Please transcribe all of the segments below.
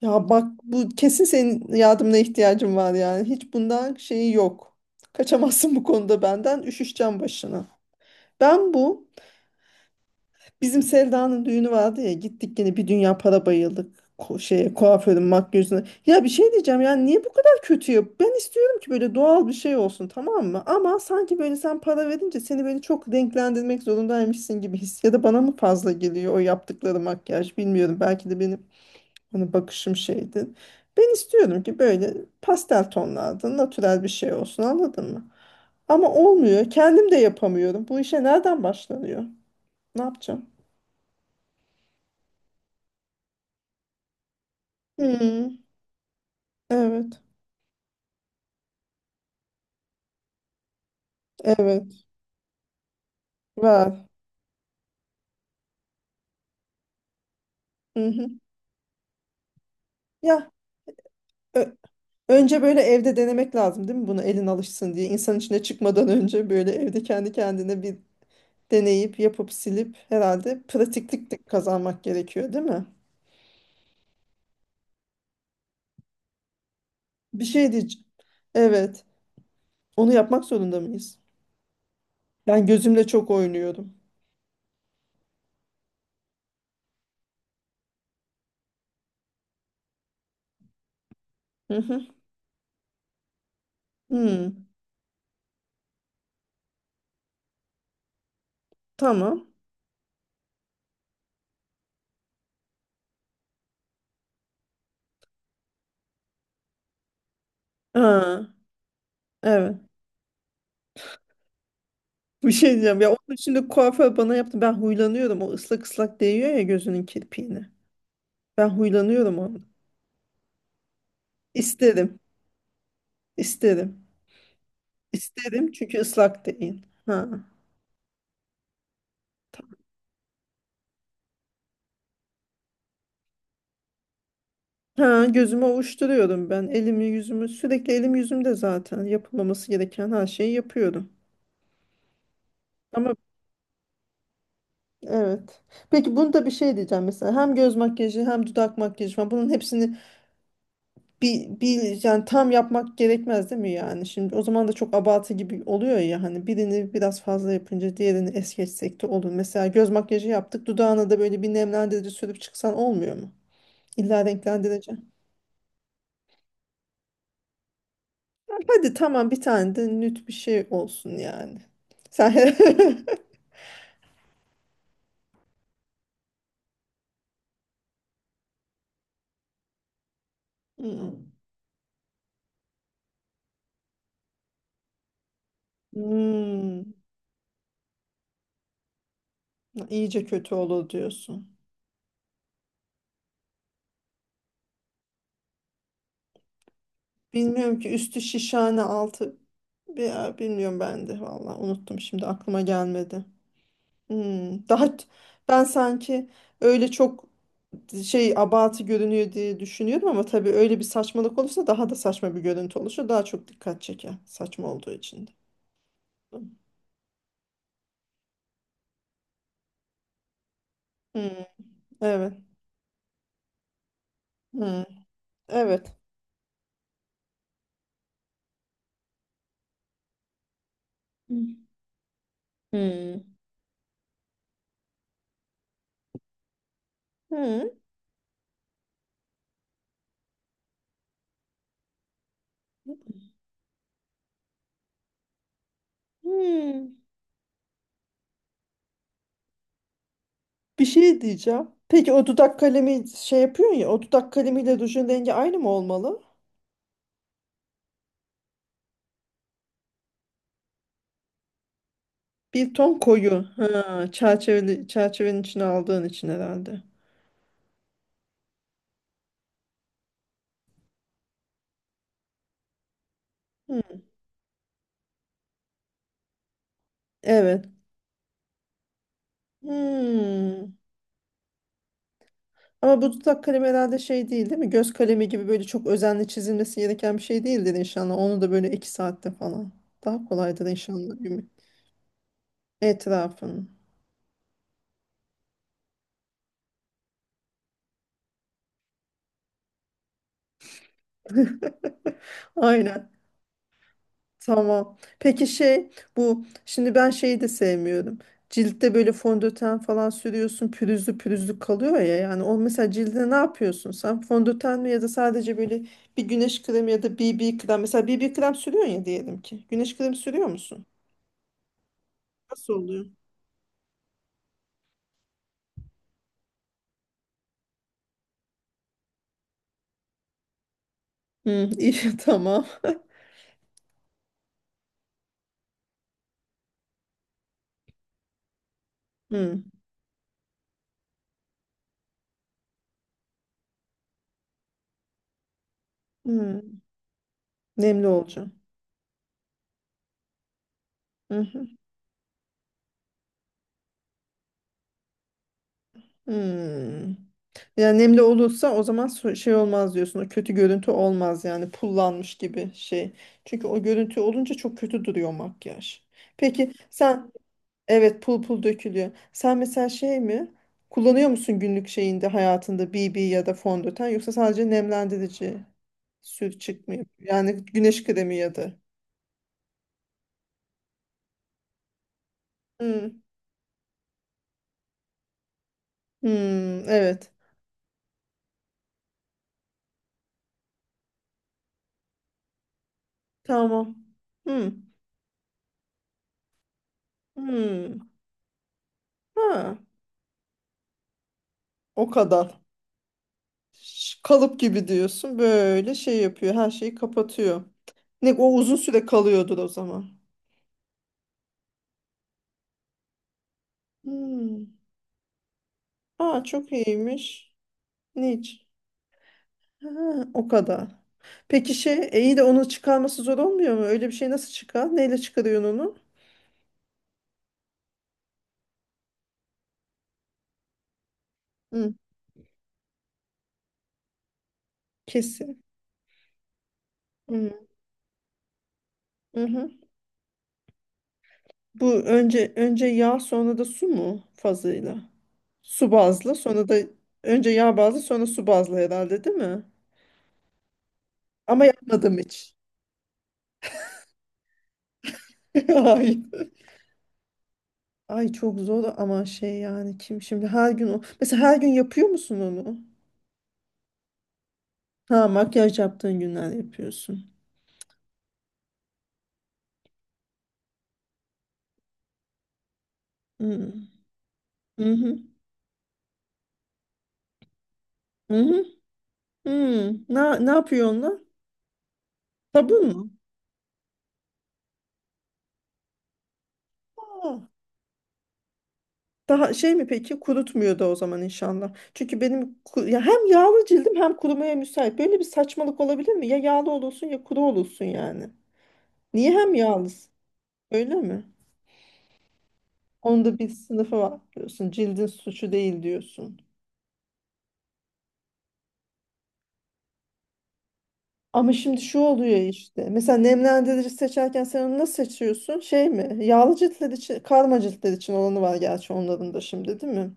Ya bak bu kesin senin yardımına ihtiyacım var yani. Hiç bundan şeyi yok. Kaçamazsın bu konuda benden. Üşüşeceğim başına. Ben bu bizim Selda'nın düğünü vardı ya, gittik yine bir dünya para bayıldık. Şeye, kuaförün makyözüne. Ya bir şey diyeceğim, yani niye bu kadar kötü ya? Ben istiyorum ki böyle doğal bir şey olsun, tamam mı? Ama sanki böyle sen para verince seni böyle çok renklendirmek zorundaymışsın gibi his. Ya da bana mı fazla geliyor o yaptıkları makyaj, bilmiyorum. Belki de benim... Hani bakışım şeydi. Ben istiyordum ki böyle pastel tonlarda natürel bir şey olsun, anladın mı? Ama olmuyor. Kendim de yapamıyorum. Bu işe nereden başlanıyor? Ne yapacağım? Hmm, evet. Evet. Var. Hı hı. Ya ö- önce böyle evde denemek lazım değil mi? Bunu elin alışsın diye. İnsan içine çıkmadan önce böyle evde kendi kendine bir deneyip yapıp silip herhalde pratiklik de kazanmak gerekiyor değil mi? Bir şey diyeceğim. Evet. Onu yapmak zorunda mıyız? Ben gözümle çok oynuyordum. Hı hı. Hmm, tamam. Ha, evet. Bir şey diyeceğim. Ya onun şimdi kuaför bana yaptı. Ben huylanıyorum. O ıslak ıslak değiyor ya gözünün kirpiğine. Ben huylanıyorum onu. İsterim. İsterim. İsterim çünkü ıslak değil. Ha. Ha, gözüme ovuşturuyorum ben. Elimi yüzümü sürekli, elim yüzümde, zaten yapılmaması gereken her şeyi yapıyorum. Ama evet. Peki bunda bir şey diyeceğim mesela. Hem göz makyajı hem dudak makyajı falan bunun hepsini bir yani tam yapmak gerekmez değil mi yani? Şimdi o zaman da çok abartı gibi oluyor ya, hani birini biraz fazla yapınca diğerini es geçsek de olur. Mesela göz makyajı yaptık, dudağına da böyle bir nemlendirici sürüp çıksan olmuyor mu? İlla renklendireceğim... Hadi tamam, bir tane de nüt bir şey olsun yani. Sen Hmm. Hmm. iyice kötü olur diyorsun. Bilmiyorum ki, üstü şişhane altı... Ya bilmiyorum ben de valla, unuttum şimdi, aklıma gelmedi. Hmm, daha ben sanki öyle çok şey, abartı görünüyor diye düşünüyorum, ama tabii öyle bir saçmalık olursa daha da saçma bir görüntü oluşur. Daha çok dikkat çeker saçma olduğu için de. Hmm, evet. Hmm, evet. Hmm. Hmm. Hmm. Hmm. Bir şey diyeceğim. Peki o dudak kalemi şey yapıyorsun ya, o dudak kalemiyle rujun rengi aynı mı olmalı? Bir ton koyu. Ha, çerçeveli, çerçevenin içine aldığın için herhalde. Hmm, evet. Hmm. Ama bu dudak kalemi herhalde şey değil değil mi? Göz kalemi gibi böyle çok özenle çizilmesi gereken bir şey değildir inşallah. Onu da böyle iki saatte falan. Daha kolaydır inşallah değil etrafın. Aynen. Tamam. Peki şey, bu şimdi, ben şeyi de sevmiyorum. Ciltte böyle fondöten falan sürüyorsun, pürüzlü pürüzlü kalıyor ya, yani o mesela cildine ne yapıyorsun sen, fondöten mi ya da sadece böyle bir güneş kremi ya da BB krem, mesela BB krem sürüyorsun ya, diyelim ki güneş kremi sürüyor musun? Nasıl oluyor? Hı, iyi tamam. Hı, hı. Nemli olacağım. Hı hı. Hı. Yani nemli olursa o zaman şey olmaz diyorsun. O kötü görüntü olmaz yani, pullanmış gibi şey. Çünkü o görüntü olunca çok kötü duruyor makyaj. Peki sen... Evet, pul pul dökülüyor. Sen mesela şey mi? Kullanıyor musun günlük şeyinde hayatında BB ya da fondöten, yoksa sadece nemlendirici sür çıkmıyor? Yani güneş kremi ya da. Hı, hı, evet. Tamam. Hmm. Hmm. Ha. O kadar. Kalıp gibi diyorsun. Böyle şey yapıyor. Her şeyi kapatıyor. Ne o, uzun süre kalıyordur o zaman. Hmm. Aa çok iyiymiş. Niç. Ha, o kadar. Peki şey, iyi de onu çıkarması zor olmuyor mu? Öyle bir şey nasıl çıkar? Neyle çıkarıyorsun onu? Hı. Kesin. Hı. Bu önce yağ sonra da su mu fazıyla? Su bazlı sonra da, önce yağ bazlı sonra su bazlı herhalde değil mi? Ama yapmadım hiç. Hayır. Ay çok zor ama şey yani, kim şimdi her gün o. Mesela her gün yapıyor musun onu? Ha, makyaj yaptığın günler yapıyorsun. Hmm. Hı hı. Hı hı. Hmm. Ne yapıyor onlar? Sabun mu? Daha şey mi peki, kurutmuyor da o zaman inşallah. Çünkü benim ya hem yağlı cildim hem kurumaya müsait. Böyle bir saçmalık olabilir mi? Ya yağlı olursun ya kuru olursun yani. Niye hem yağlısın? Öyle mi? Onda bir sınıfı var diyorsun. Cildin suçu değil diyorsun. Ama şimdi şu oluyor işte. Mesela nemlendirici seçerken sen onu nasıl seçiyorsun? Şey mi? Yağlı ciltler için, karma ciltler için olanı var, gerçi onların da şimdi değil mi?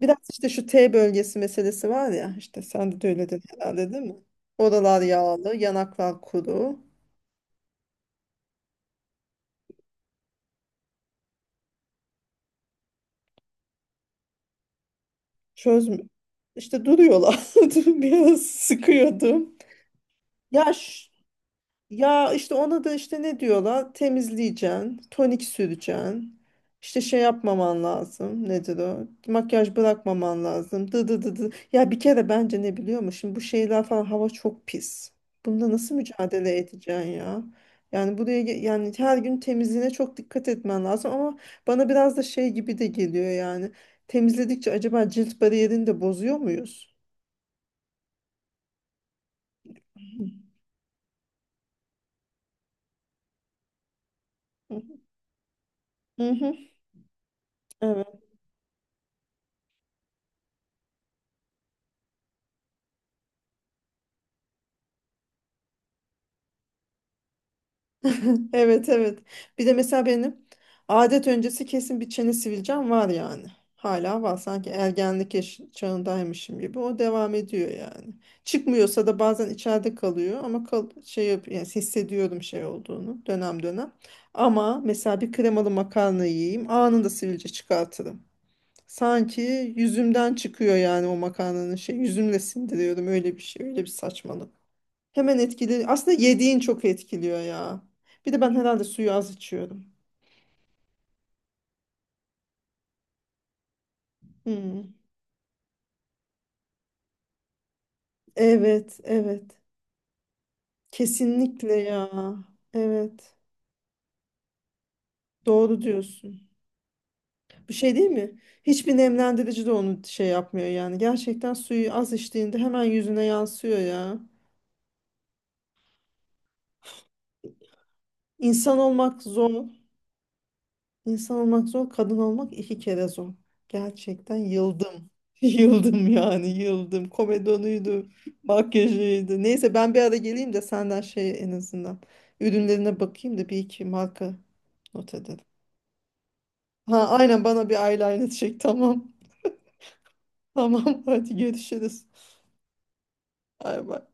Biraz işte şu T bölgesi meselesi var ya, işte sende de öyledir herhalde değil mi? Oralar yağlı, yanaklar kuru. Çözmü. İşte duruyorlar. Dur, biraz sıkıyordum. Ya ş- Ya işte ona da işte, ne diyorlar? Temizleyeceksin, tonik süreceksin. İşte şey yapmaman lazım. Nedir o? Makyaj bırakmaman lazım. Dı dı dı dı. Ya bir kere bence, ne biliyor musun? Şimdi bu şeyler falan, hava çok pis. Bunda nasıl mücadele edeceksin ya? Yani buraya yani her gün temizliğine çok dikkat etmen lazım, ama bana biraz da şey gibi de geliyor yani. Temizledikçe acaba cilt bariyerini de bozuyor muyuz? Hı hı. Hı hı. Evet. Evet, evet. Bir de mesela benim adet öncesi kesin bir çene sivilcem var yani. Hala var. Sanki ergenlik çağındaymışım gibi. O devam ediyor yani. Çıkmıyorsa da bazen içeride kalıyor, ama kal şey yap, yani hissediyorum şey olduğunu dönem dönem. Ama mesela bir kremalı makarna yiyeyim, anında sivilce çıkartırım. Sanki yüzümden çıkıyor yani, o makarnanın şey, yüzümle sindiriyorum, öyle bir şey, öyle bir saçmalık. Hemen etkili. Aslında yediğin çok etkiliyor ya. Bir de ben herhalde suyu az içiyorum. Hmm. Evet, evet. Kesinlikle ya. Evet. Doğru diyorsun. Bir şey değil mi? Hiçbir nemlendirici de onu şey yapmıyor yani. Gerçekten suyu az içtiğinde hemen yüzüne yansıyor ya. İnsan olmak zor. İnsan olmak zor, kadın olmak iki kere zor. Gerçekten yıldım. Yıldım yani, yıldım. Komedonuydu, makyajıydı. Neyse, ben bir ara geleyim de senden şey, en azından ürünlerine bakayım da bir iki marka not edelim. Ha aynen, bana bir eyeliner çek, tamam. Tamam, hadi görüşürüz. Bay bay.